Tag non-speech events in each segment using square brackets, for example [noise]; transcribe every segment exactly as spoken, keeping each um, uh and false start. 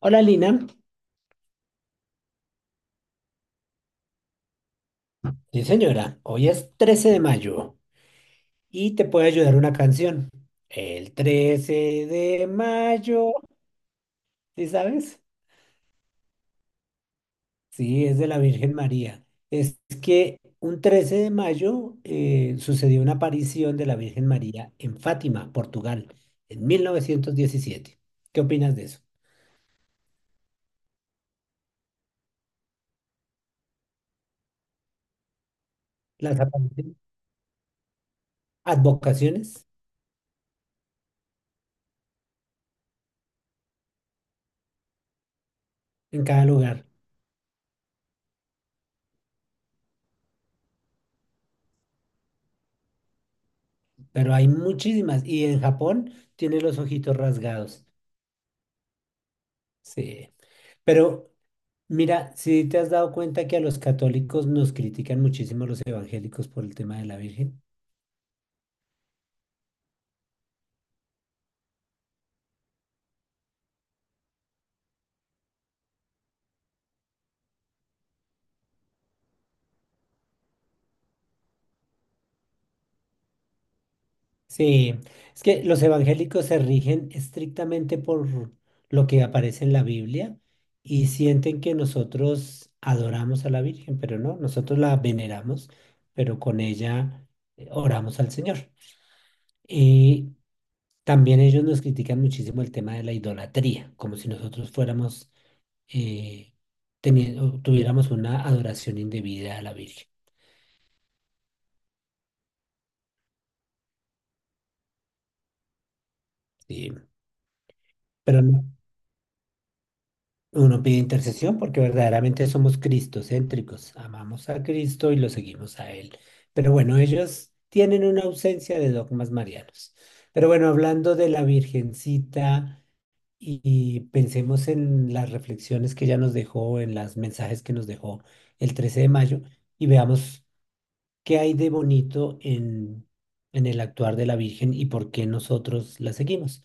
Hola Lina, sí señora, hoy es trece de mayo y te puede ayudar una canción. El trece de mayo, ¿sí sabes? Sí, es de la Virgen María. Es que un trece de mayo eh, sucedió una aparición de la Virgen María en Fátima, Portugal, en mil novecientos diecisiete. ¿Qué opinas de eso? Las apariciones, advocaciones en cada lugar, pero hay muchísimas y en Japón tiene los ojitos rasgados. Sí. Pero mira, si te has dado cuenta que a los católicos nos critican muchísimo los evangélicos por el tema de la Virgen. Sí, es que los evangélicos se rigen estrictamente por lo que aparece en la Biblia y sienten que nosotros adoramos a la Virgen, pero no, nosotros la veneramos, pero con ella eh, oramos al Señor. Y también ellos nos critican muchísimo el tema de la idolatría, como si nosotros fuéramos eh, teniendo, tuviéramos una adoración indebida a la Virgen. Sí. Pero no, uno pide intercesión porque verdaderamente somos cristocéntricos, amamos a Cristo y lo seguimos a Él. Pero bueno, ellos tienen una ausencia de dogmas marianos. Pero bueno, hablando de la Virgencita y, y pensemos en las reflexiones que ella nos dejó, en los mensajes que nos dejó el trece de mayo y veamos. ¿Qué hay de bonito en, en el actuar de la Virgen y por qué nosotros la seguimos?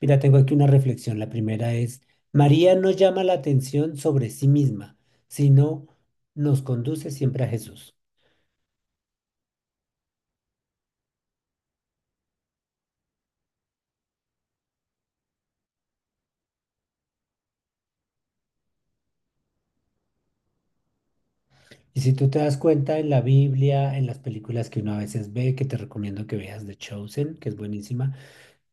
Mira, tengo aquí una reflexión. La primera es, María no llama la atención sobre sí misma, sino nos conduce siempre a Jesús. Y si tú te das cuenta en la Biblia, en las películas que uno a veces ve, que te recomiendo que veas The Chosen, que es buenísima.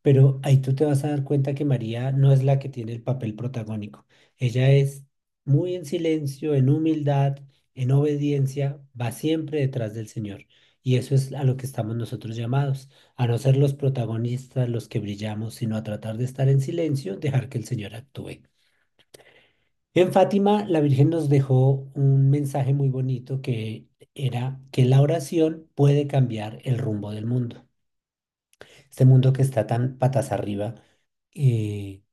Pero ahí tú te vas a dar cuenta que María no es la que tiene el papel protagónico. Ella es muy en silencio, en humildad, en obediencia, va siempre detrás del Señor. Y eso es a lo que estamos nosotros llamados, a no ser los protagonistas, los que brillamos, sino a tratar de estar en silencio, dejar que el Señor actúe. En Fátima, la Virgen nos dejó un mensaje muy bonito que era que la oración puede cambiar el rumbo del mundo. Este mundo que está tan patas arriba. eh,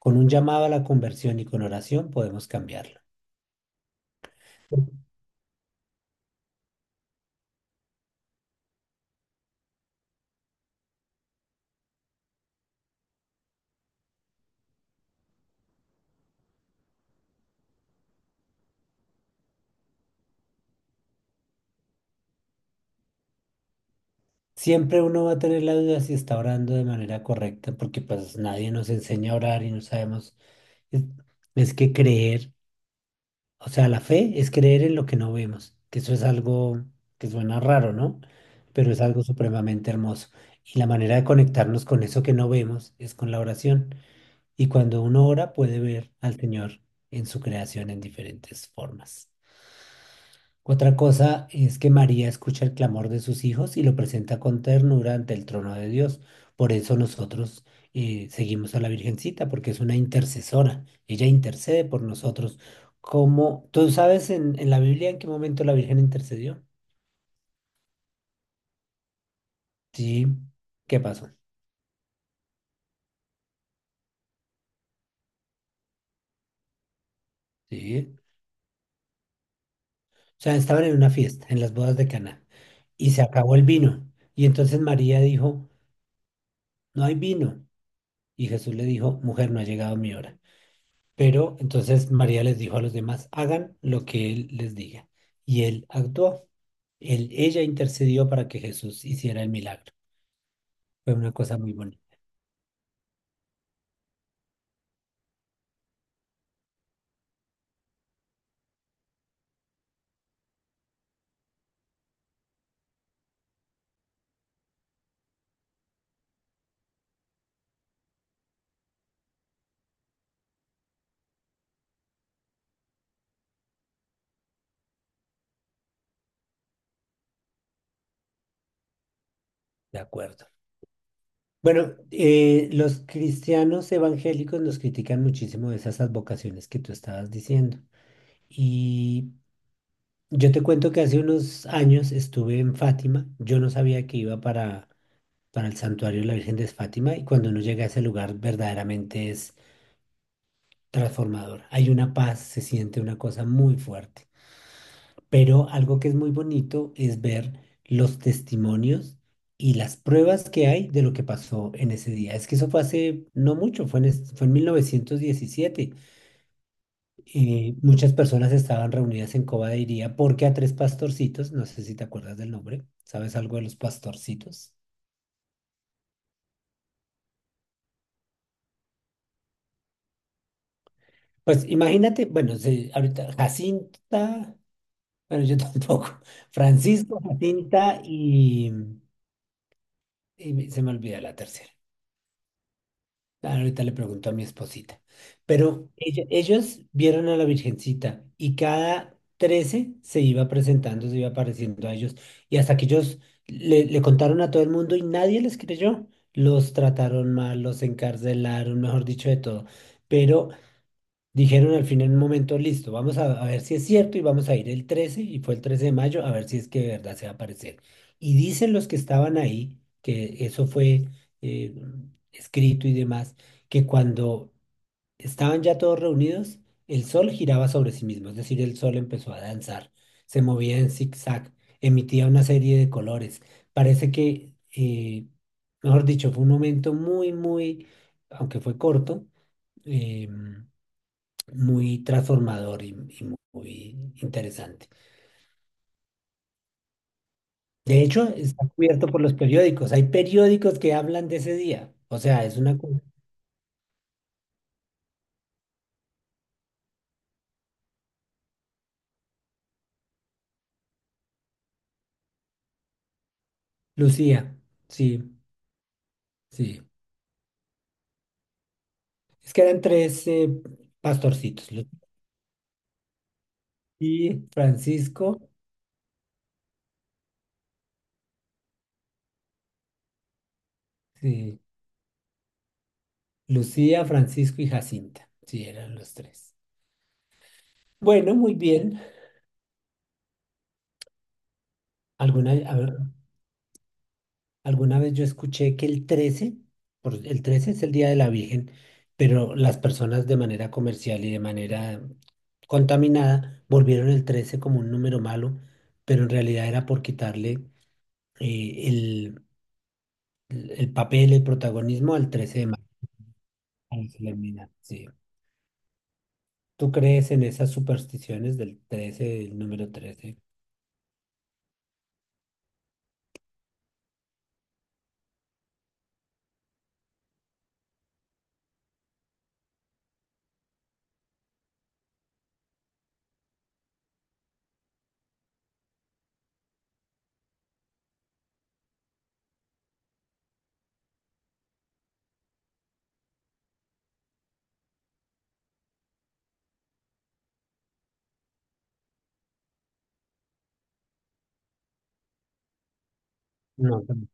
Con un llamado a la conversión y con oración podemos cambiarlo. Siempre uno va a tener la duda si está orando de manera correcta, porque pues nadie nos enseña a orar y no sabemos. Es, es que creer, o sea, la fe es creer en lo que no vemos, que eso es algo que suena raro, ¿no? Pero es algo supremamente hermoso. Y la manera de conectarnos con eso que no vemos es con la oración. Y cuando uno ora puede ver al Señor en su creación en diferentes formas. Otra cosa es que María escucha el clamor de sus hijos y lo presenta con ternura ante el trono de Dios. Por eso nosotros eh, seguimos a la Virgencita, porque es una intercesora. Ella intercede por nosotros. Como, ¿tú sabes en, en la Biblia en qué momento la Virgen intercedió? Sí. ¿Qué pasó? Sí. O sea, estaban en una fiesta, en las bodas de Caná, y se acabó el vino. Y entonces María dijo, no hay vino. Y Jesús le dijo, mujer, no ha llegado mi hora. Pero entonces María les dijo a los demás, hagan lo que él les diga. Y él actuó. Él, ella intercedió para que Jesús hiciera el milagro. Fue una cosa muy bonita. De acuerdo. Bueno, eh, los cristianos evangélicos nos critican muchísimo de esas advocaciones que tú estabas diciendo. Y yo te cuento que hace unos años estuve en Fátima. Yo no sabía que iba para, para el santuario de la Virgen de Fátima y cuando uno llega a ese lugar verdaderamente es transformador. Hay una paz, se siente una cosa muy fuerte. Pero algo que es muy bonito es ver los testimonios y las pruebas que hay de lo que pasó en ese día. Es que eso fue hace no mucho, fue en, es- fue en mil novecientos diecisiete. Eh, muchas personas estaban reunidas en Coba de Iría porque a tres pastorcitos, no sé si te acuerdas del nombre, ¿sabes algo de los pastorcitos? Pues imagínate, bueno, se- ahorita Jacinta, bueno, yo [laughs] tampoco, Francisco, Jacinta y... Y me- se me olvida la tercera. Ah, ahorita le pregunto a mi esposita. Pero ella- ellos vieron a la Virgencita y cada trece se iba presentando, se iba apareciendo a ellos. Y hasta que ellos le, le contaron a todo el mundo y nadie les creyó. Los trataron mal, los encarcelaron, mejor dicho, de todo. Pero dijeron al fin en un momento, listo, vamos a, a ver si es cierto y vamos a ir el trece y fue el trece de mayo, a ver si es que de verdad se va a aparecer. Y dicen los que estaban ahí, que eso fue eh, escrito y demás, que cuando estaban ya todos reunidos, el sol giraba sobre sí mismo, es decir, el sol empezó a danzar, se movía en zigzag, emitía una serie de colores. Parece que, eh, mejor dicho, fue un momento muy, muy, aunque fue corto, em, muy transformador y, y muy interesante. De hecho, está cubierto por los periódicos. Hay periódicos que hablan de ese día. O sea, es una... cosa. Lucía, sí, sí. Es que eran tres eh, pastorcitos. Lu- Y Francisco, sí. Lucía, Francisco y Jacinta. Sí, eran los tres. Bueno, muy bien. ¿Alguna, a ver, alguna vez yo escuché que el trece por, el trece es el Día de la Virgen, pero las personas de manera comercial y de manera contaminada volvieron el trece como un número malo, pero en realidad era por quitarle eh, el, el- papel, el protagonismo al trece de mayo, a la solemnidad, sí. ¿Tú crees en esas supersticiones del trece, del número trece? No. También.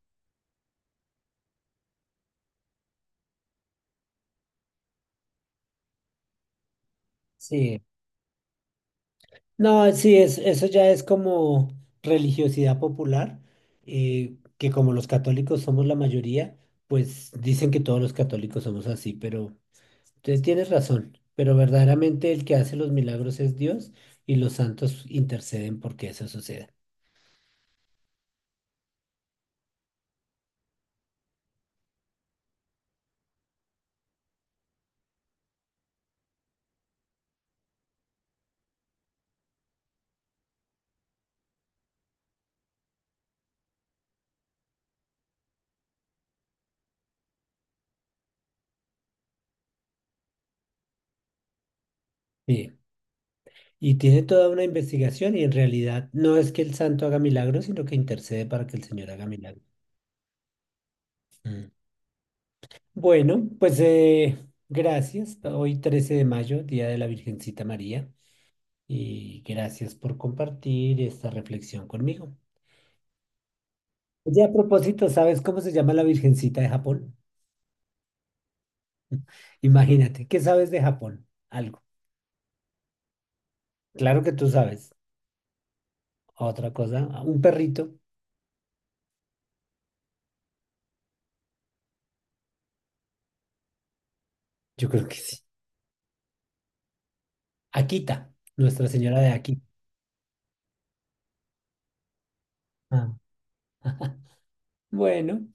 Sí, no, sí, es, eso ya es como religiosidad popular, eh, que como los católicos somos la mayoría, pues dicen que todos los católicos somos así, pero entonces tienes razón, pero verdaderamente el que hace los milagros es Dios y los santos interceden porque eso suceda. Sí, y tiene toda una investigación y en realidad no es que el santo haga milagros, sino que intercede para que el Señor haga milagros. Mm. Bueno, pues eh, gracias. Hoy trece de mayo, Día de la Virgencita María, y gracias por compartir esta reflexión conmigo. Oye, a propósito, ¿sabes cómo se llama la Virgencita de Japón? Imagínate, ¿qué sabes de Japón? Algo. Claro que tú sabes. Otra cosa, un perrito. Yo creo que sí. Akita, Nuestra Señora de Akita. Ah, bueno,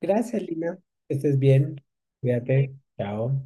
gracias, Lina. Que estés bien. Cuídate. Chao.